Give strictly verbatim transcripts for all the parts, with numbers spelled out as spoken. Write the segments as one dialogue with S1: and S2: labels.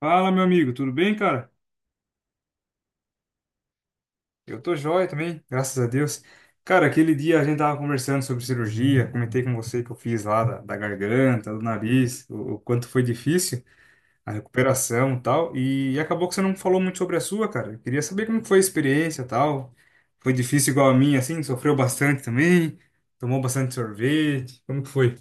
S1: Fala, meu amigo, tudo bem, cara? Eu tô joia também, graças a Deus. Cara, aquele dia a gente tava conversando sobre cirurgia, comentei com você que eu fiz lá da, da garganta, do nariz, o, o quanto foi difícil a recuperação e tal, e acabou que você não falou muito sobre a sua, cara. Eu queria saber como que foi a experiência e tal. Foi difícil igual a minha, assim? Sofreu bastante também? Tomou bastante sorvete? Como que foi?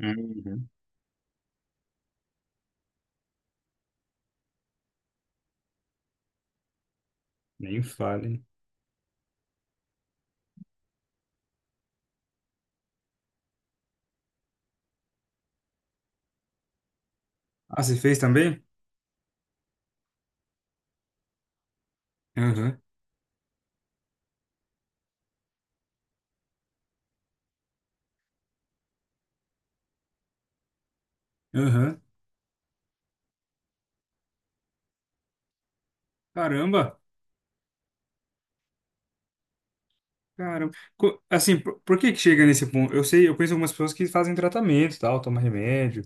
S1: Uhum. Nem fale. Ah, você fez também? Aham, aham. Caramba! Cara, co- assim, por, por que que chega nesse ponto? Eu sei, eu conheço algumas pessoas que fazem tratamento, e tal, tomam remédio,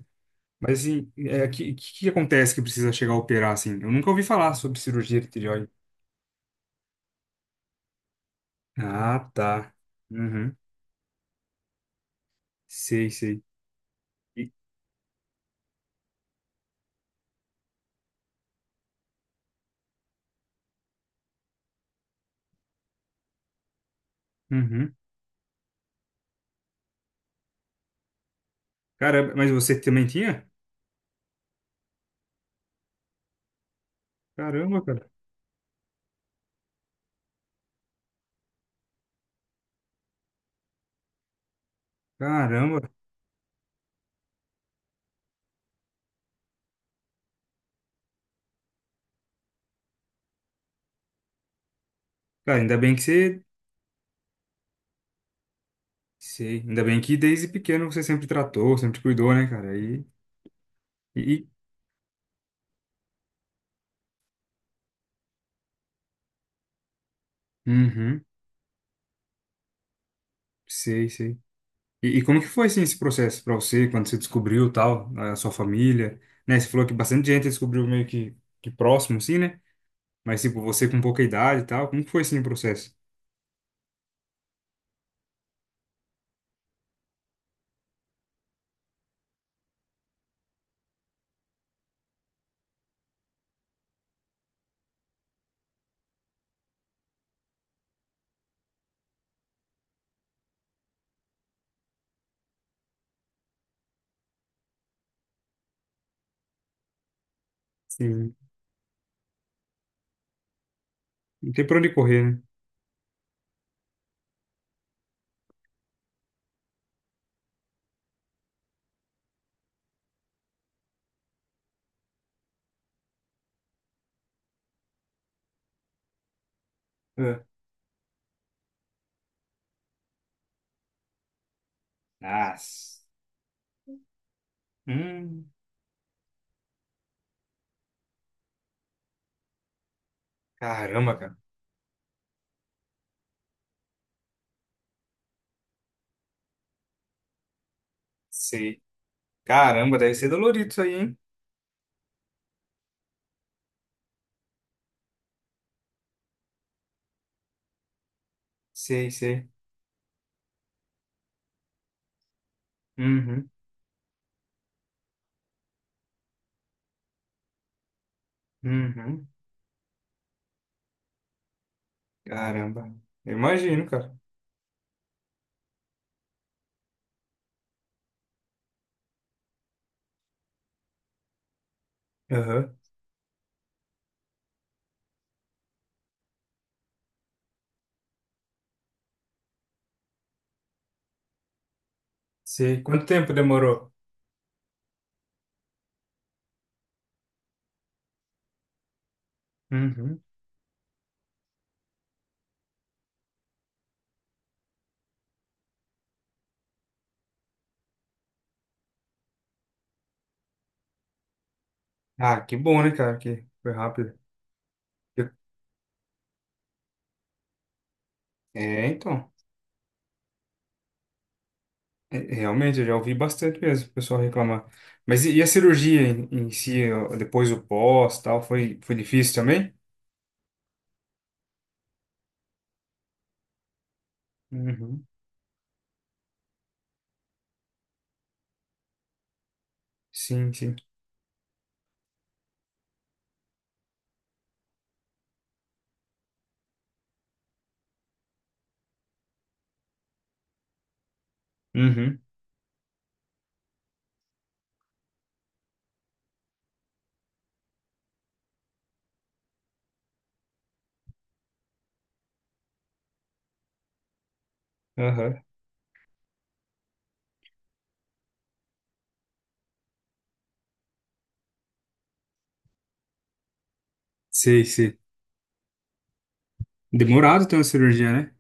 S1: mas assim, é, que, que que acontece que precisa chegar a operar assim? Eu nunca ouvi falar sobre cirurgia de tireoide. Ah, tá. Uhum. Sei, sei. E- Uhum. Caramba, mas você também tinha? Caramba, cara. Caramba. Cara, ainda bem que você. Sei. Ainda bem que desde pequeno você sempre tratou, sempre cuidou, né, cara? E. e... e- Uhum. Sei, sei. E, e como que foi assim, esse processo para você, quando você descobriu tal, a sua família, né? Você falou que bastante gente descobriu meio que, que próximo, assim, né? Mas tipo, você com pouca idade e tal, como que foi assim o processo? Sim. Não tem pra onde correr, né? É. Nossa. Hum, caramba, cara. Sei. Caramba, deve ser dolorido isso aí, hein? Sei, sei. Uhum, uhum. Caramba. Eu imagino, cara. Aham. Sei. Quanto tempo demorou? Uhum. Ah, que bom, né, cara? Que foi rápido. Eu- É, então. É, realmente, eu já ouvi bastante mesmo o pessoal reclamar. Mas e, e a cirurgia em, em si, ó, depois o pós, tal, foi, foi difícil também? Uhum. Sim, sim. Uhum. Aham. Sei, sei. Demorado ter uma cirurgia, né?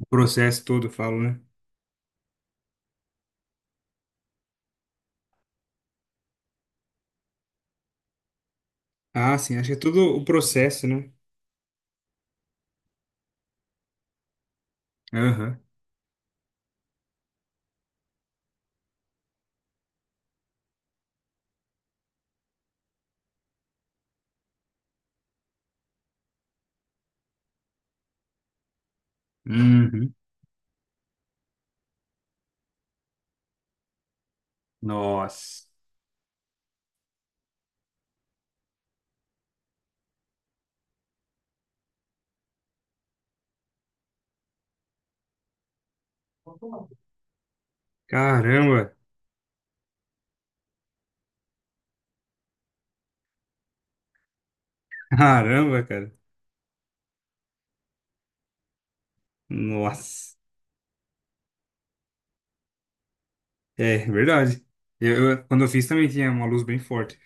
S1: O processo todo, eu falo, né? Ah, sim, acho que é todo o processo, né? Aham. Uhum. Nossa. Caramba. Caramba, cara. Nossa. É, verdade. Eu, eu- quando eu fiz também tinha uma luz bem forte.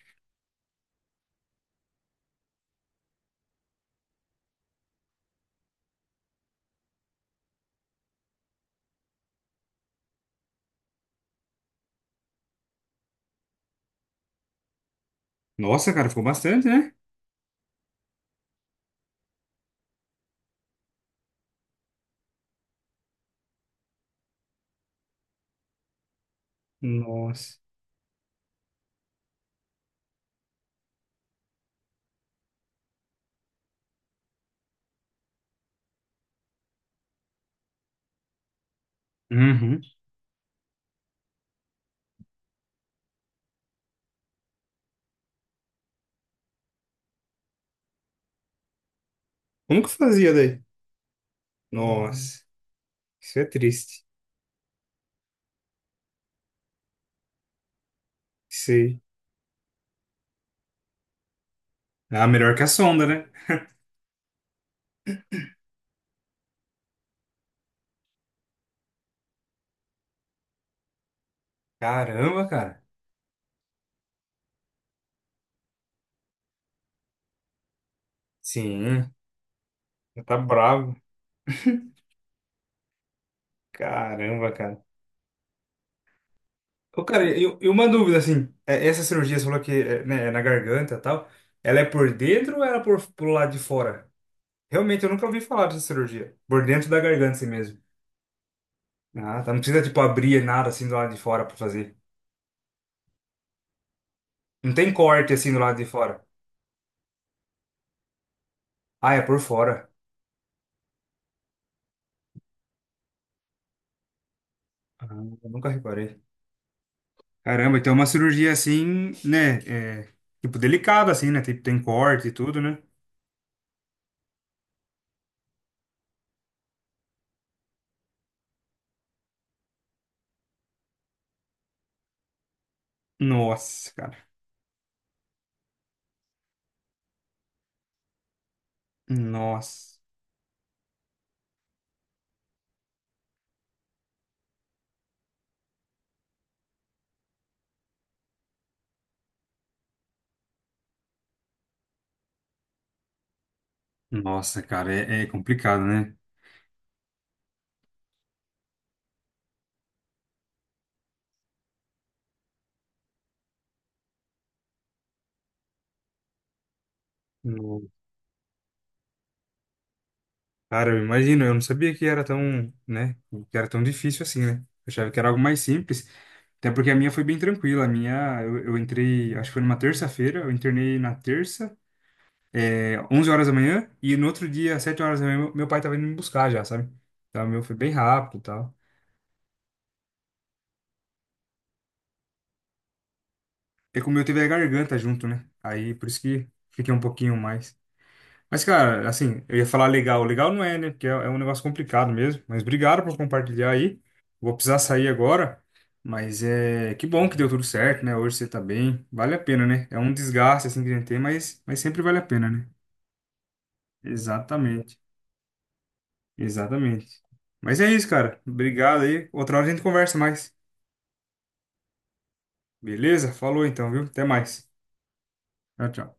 S1: Nossa, cara, ficou bastante, né? Nossa. Uhum. Como que fazia daí? Nossa, isso é triste. Sei. Ah, melhor que a sonda, né? Caramba, cara. Sim, já tá bravo. Caramba, cara. Ô, cara, e e uma dúvida, assim, é, essa cirurgia, você falou que é, né, é na garganta e tal, ela é por dentro ou ela é por, pro lado de fora? Realmente, eu nunca ouvi falar dessa cirurgia. Por dentro da garganta, assim mesmo. Ah, tá. Não precisa, tipo, abrir nada, assim, do lado de fora pra fazer. Não tem corte, assim, do lado de fora. Ah, é por fora. Ah, eu nunca reparei. Caramba, então é uma cirurgia assim, né? É, tipo, delicada, assim, né? Tipo, tem corte e tudo, né? Nossa, cara. Nossa. Nossa, cara, é, é complicado, né? No- Cara, eu imagino, eu não sabia que era tão, né? Que era tão difícil assim, né? Eu achava que era algo mais simples. Até porque a minha foi bem tranquila. A minha, eu, eu entrei, acho que foi numa terça-feira, eu internei na terça, é, onze horas da manhã, e no outro dia, às sete horas da manhã, meu meu pai tava indo me buscar já, sabe? Então, o meu foi bem rápido e tal. É como eu teve a garganta junto, né? Aí por isso que fiquei um pouquinho mais. Mas, cara, assim, eu ia falar legal. Legal não é, né? Porque é é um negócio complicado mesmo. Mas obrigado por compartilhar aí. Vou precisar sair agora. Mas é que bom que deu tudo certo, né? Hoje você tá bem. Vale a pena, né? É um desgaste assim que a gente tem, mas, mas sempre vale a pena, né? Exatamente. Exatamente. Mas é isso, cara. Obrigado aí. Outra hora a gente conversa mais. Beleza? Falou então, viu? Até mais. Tchau, tchau.